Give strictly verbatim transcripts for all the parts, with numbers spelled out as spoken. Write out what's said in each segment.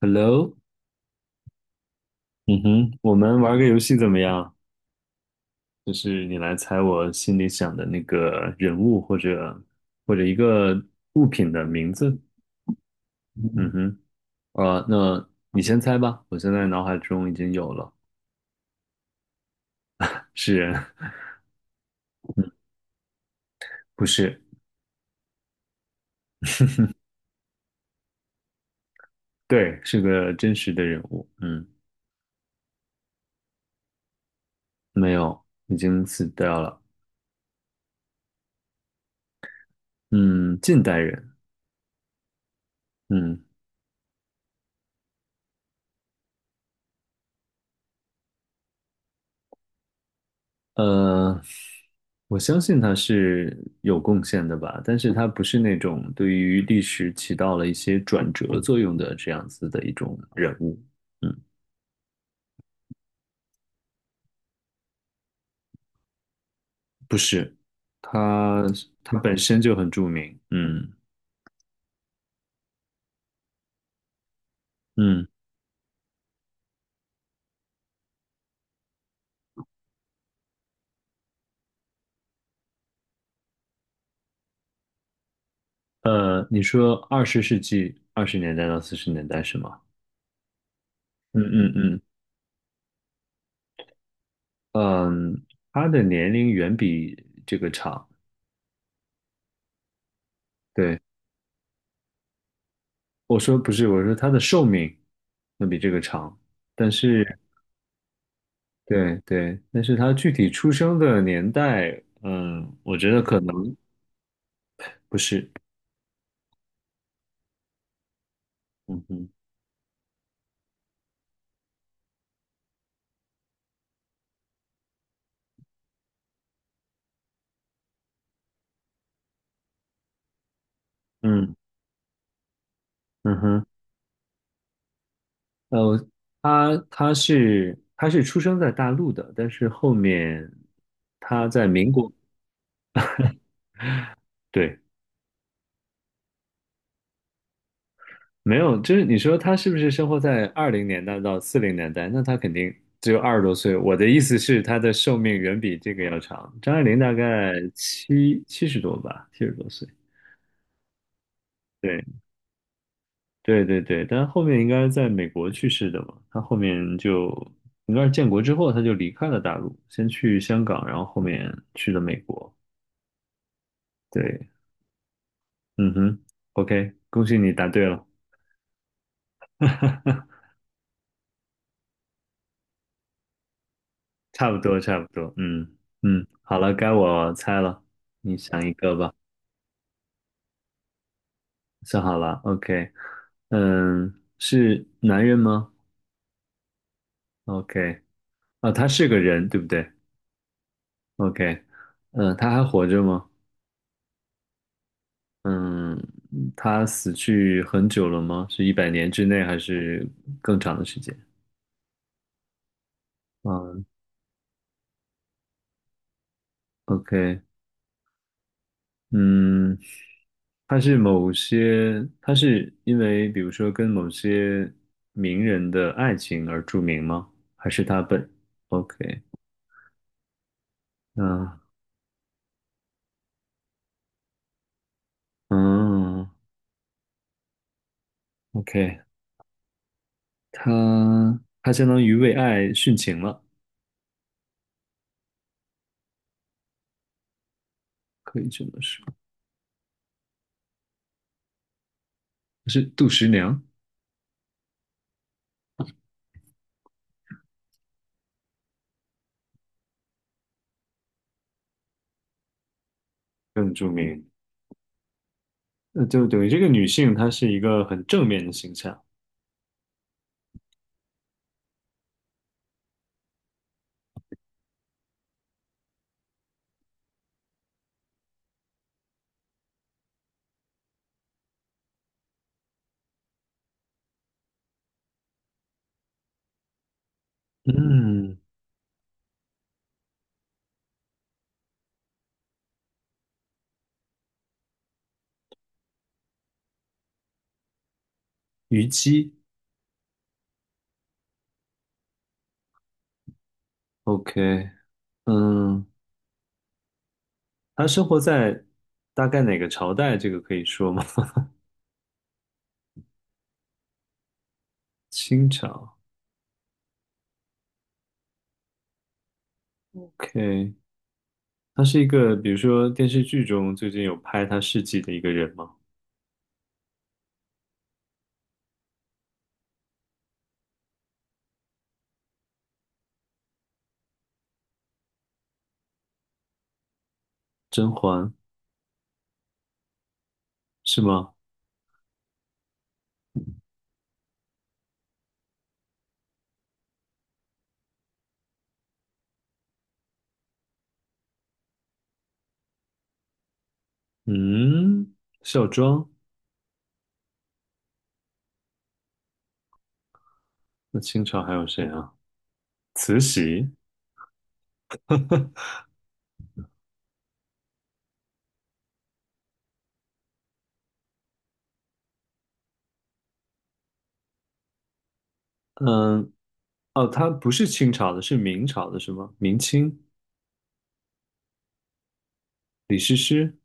Hello，嗯哼，我们玩个游戏怎么样？就是你来猜我心里想的那个人物或者或者一个物品的名字。嗯哼，呃，那你先猜吧，我现在脑海中已经有了，是人，嗯，不是，对，是个真实的人物，嗯，没有，已经死掉了，嗯，近代人，嗯，呃，我相信他是有贡献的吧，但是他不是那种对于历史起到了一些转折作用的这样子的一种人物，嗯，不是，他他本身就很著名，嗯嗯，呃，你说二十世纪二十年代到四十年代是吗？嗯嗯嗯嗯，他的年龄远比这个长，对，我说不是，我说他的寿命要比这个长。但是。对对，但是他具体出生的年代，嗯，我觉得可能不是，嗯哼，嗯嗯哼，呃，他他是他是出生在大陆的，但是后面他在民国，对，没有，就是你说他是不是生活在二零年代到四零年代？那他肯定只有二十多岁。我的意思是，他的寿命远比这个要长。张爱玲大概七七十多吧，七十多岁。对。对对对，但是后面应该在美国去世的嘛，他后面就应该是建国之后他就离开了大陆，先去香港，然后后面去了美国。对，嗯哼，OK，恭喜你答对了，差不多差不多，嗯嗯，好了，该我猜了，你想一个吧，想好了，OK，嗯，是男人吗？OK，啊，他是个人，对不对？OK，嗯，他还活着吗？嗯，他死去很久了吗？是一百年之内还是更长的时间？嗯，OK，嗯，他是某些，他是因为比如说跟某些名人的爱情而著名吗？还是他本？OK，嗯嗯，OK，他他相当于为爱殉情了，可以这么说，是杜十娘更著名。那就等于这个女性，她是一个很正面的形象，嗯，虞姬，OK，嗯，他生活在大概哪个朝代？这个可以说吗？清朝，OK，他是一个，比如说电视剧中最近有拍他事迹的一个人吗？甄嬛是吗？嗯，孝庄，那清朝还有谁啊？慈禧，嗯，哦，他不是清朝的，是明朝的，是吗？明清，李师师，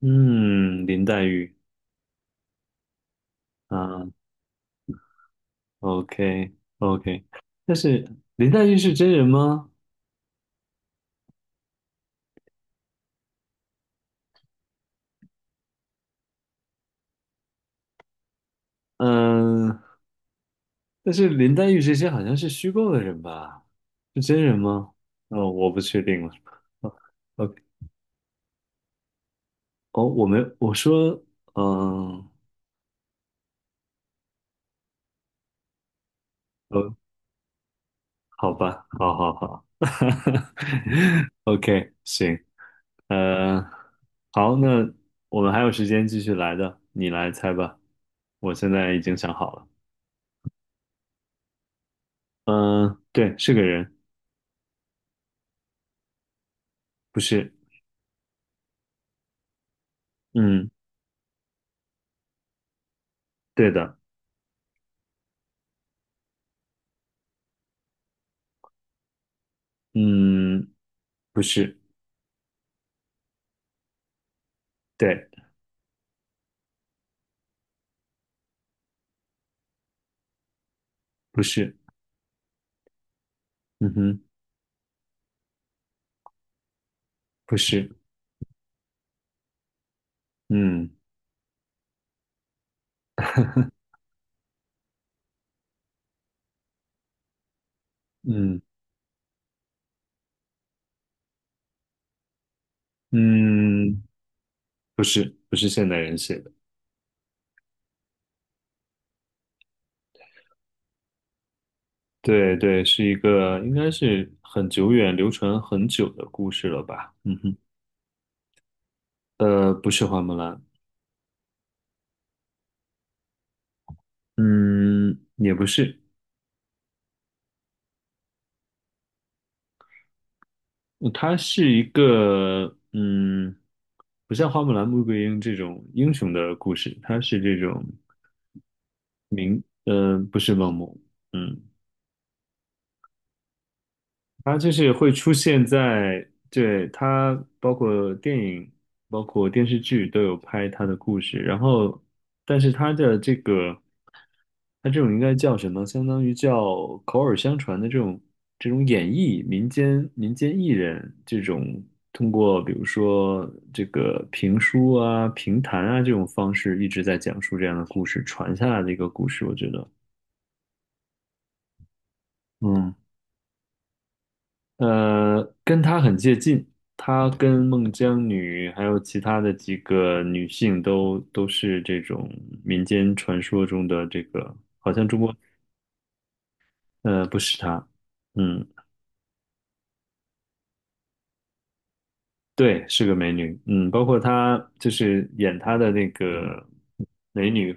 嗯，林黛玉啊，OK OK，但是林黛玉是真人吗？嗯，但是林黛玉这些好像是虚构的人吧？是真人吗？哦，我不确定了。哦，OK，哦，我没，我说，嗯，哦，好吧，好好好 ，OK，行，呃，好，那我们还有时间继续来的，你来猜吧。我现在已经想好了，嗯，对，是个人，不是，嗯，对的。嗯，不是，对，不是，嗯哼，不是，嗯 嗯嗯，不是，不是现代人写的，对对，是一个应该是很久远、流传很久的故事了吧？嗯哼，呃，不是花木兰，嗯，也不是，它是一个，嗯，不像花木兰、穆桂英这种英雄的故事，它是这种，嗯、不是梦。嗯。它就是会出现在，对，它包括电影、包括电视剧都有拍它的故事，然后，但是它的这个，它这种应该叫什么？相当于叫口耳相传的这种这种演绎，民间民间艺人这种通过比如说这个评书啊、评弹啊这种方式一直在讲述这样的故事，传下来的一个故事，我觉得，嗯。呃，跟她很接近，她跟孟姜女还有其他的几个女性都都是这种民间传说中的这个，呃，不是她，嗯，对，是个美女，嗯，包括她就是演她的那个美女，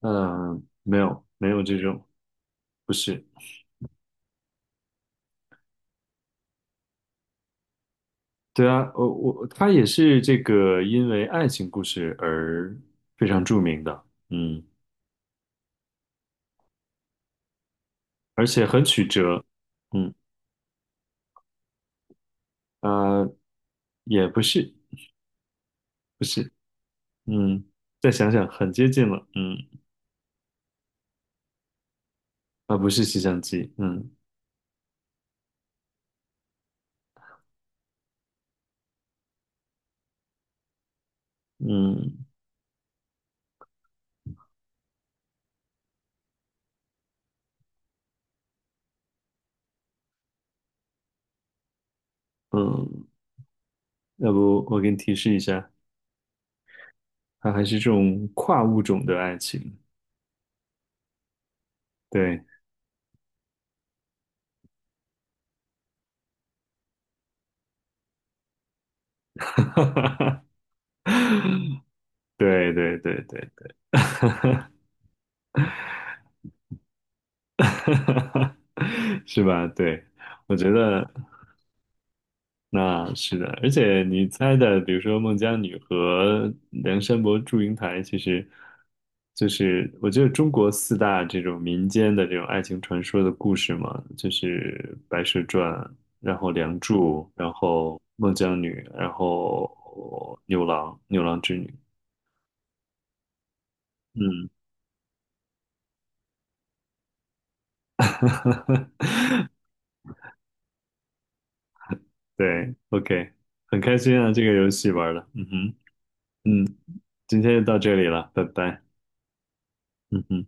嗯、没有没有这种，不是，对啊，我我她也是这个因为爱情故事而非常著名的，嗯，而且很曲折，嗯。啊。也不是，不是，嗯，再想想，很接近了，嗯，啊，不是洗相机，嗯嗯嗯，要不我给你提示一下，它还是这种跨物种的爱情，对，对对对对，是吧？对，我觉得。那是的，而且你猜的，比如说孟姜女和梁山伯祝英台，其实就是我觉得中国四大这种民间的这种爱情传说的故事嘛，就是《白蛇传》，然后《梁祝》，然后孟姜女，然后牛郎、牛郎织女。嗯，对，OK，很开心啊，这个游戏玩的，嗯哼，今天就到这里了，拜拜，嗯哼。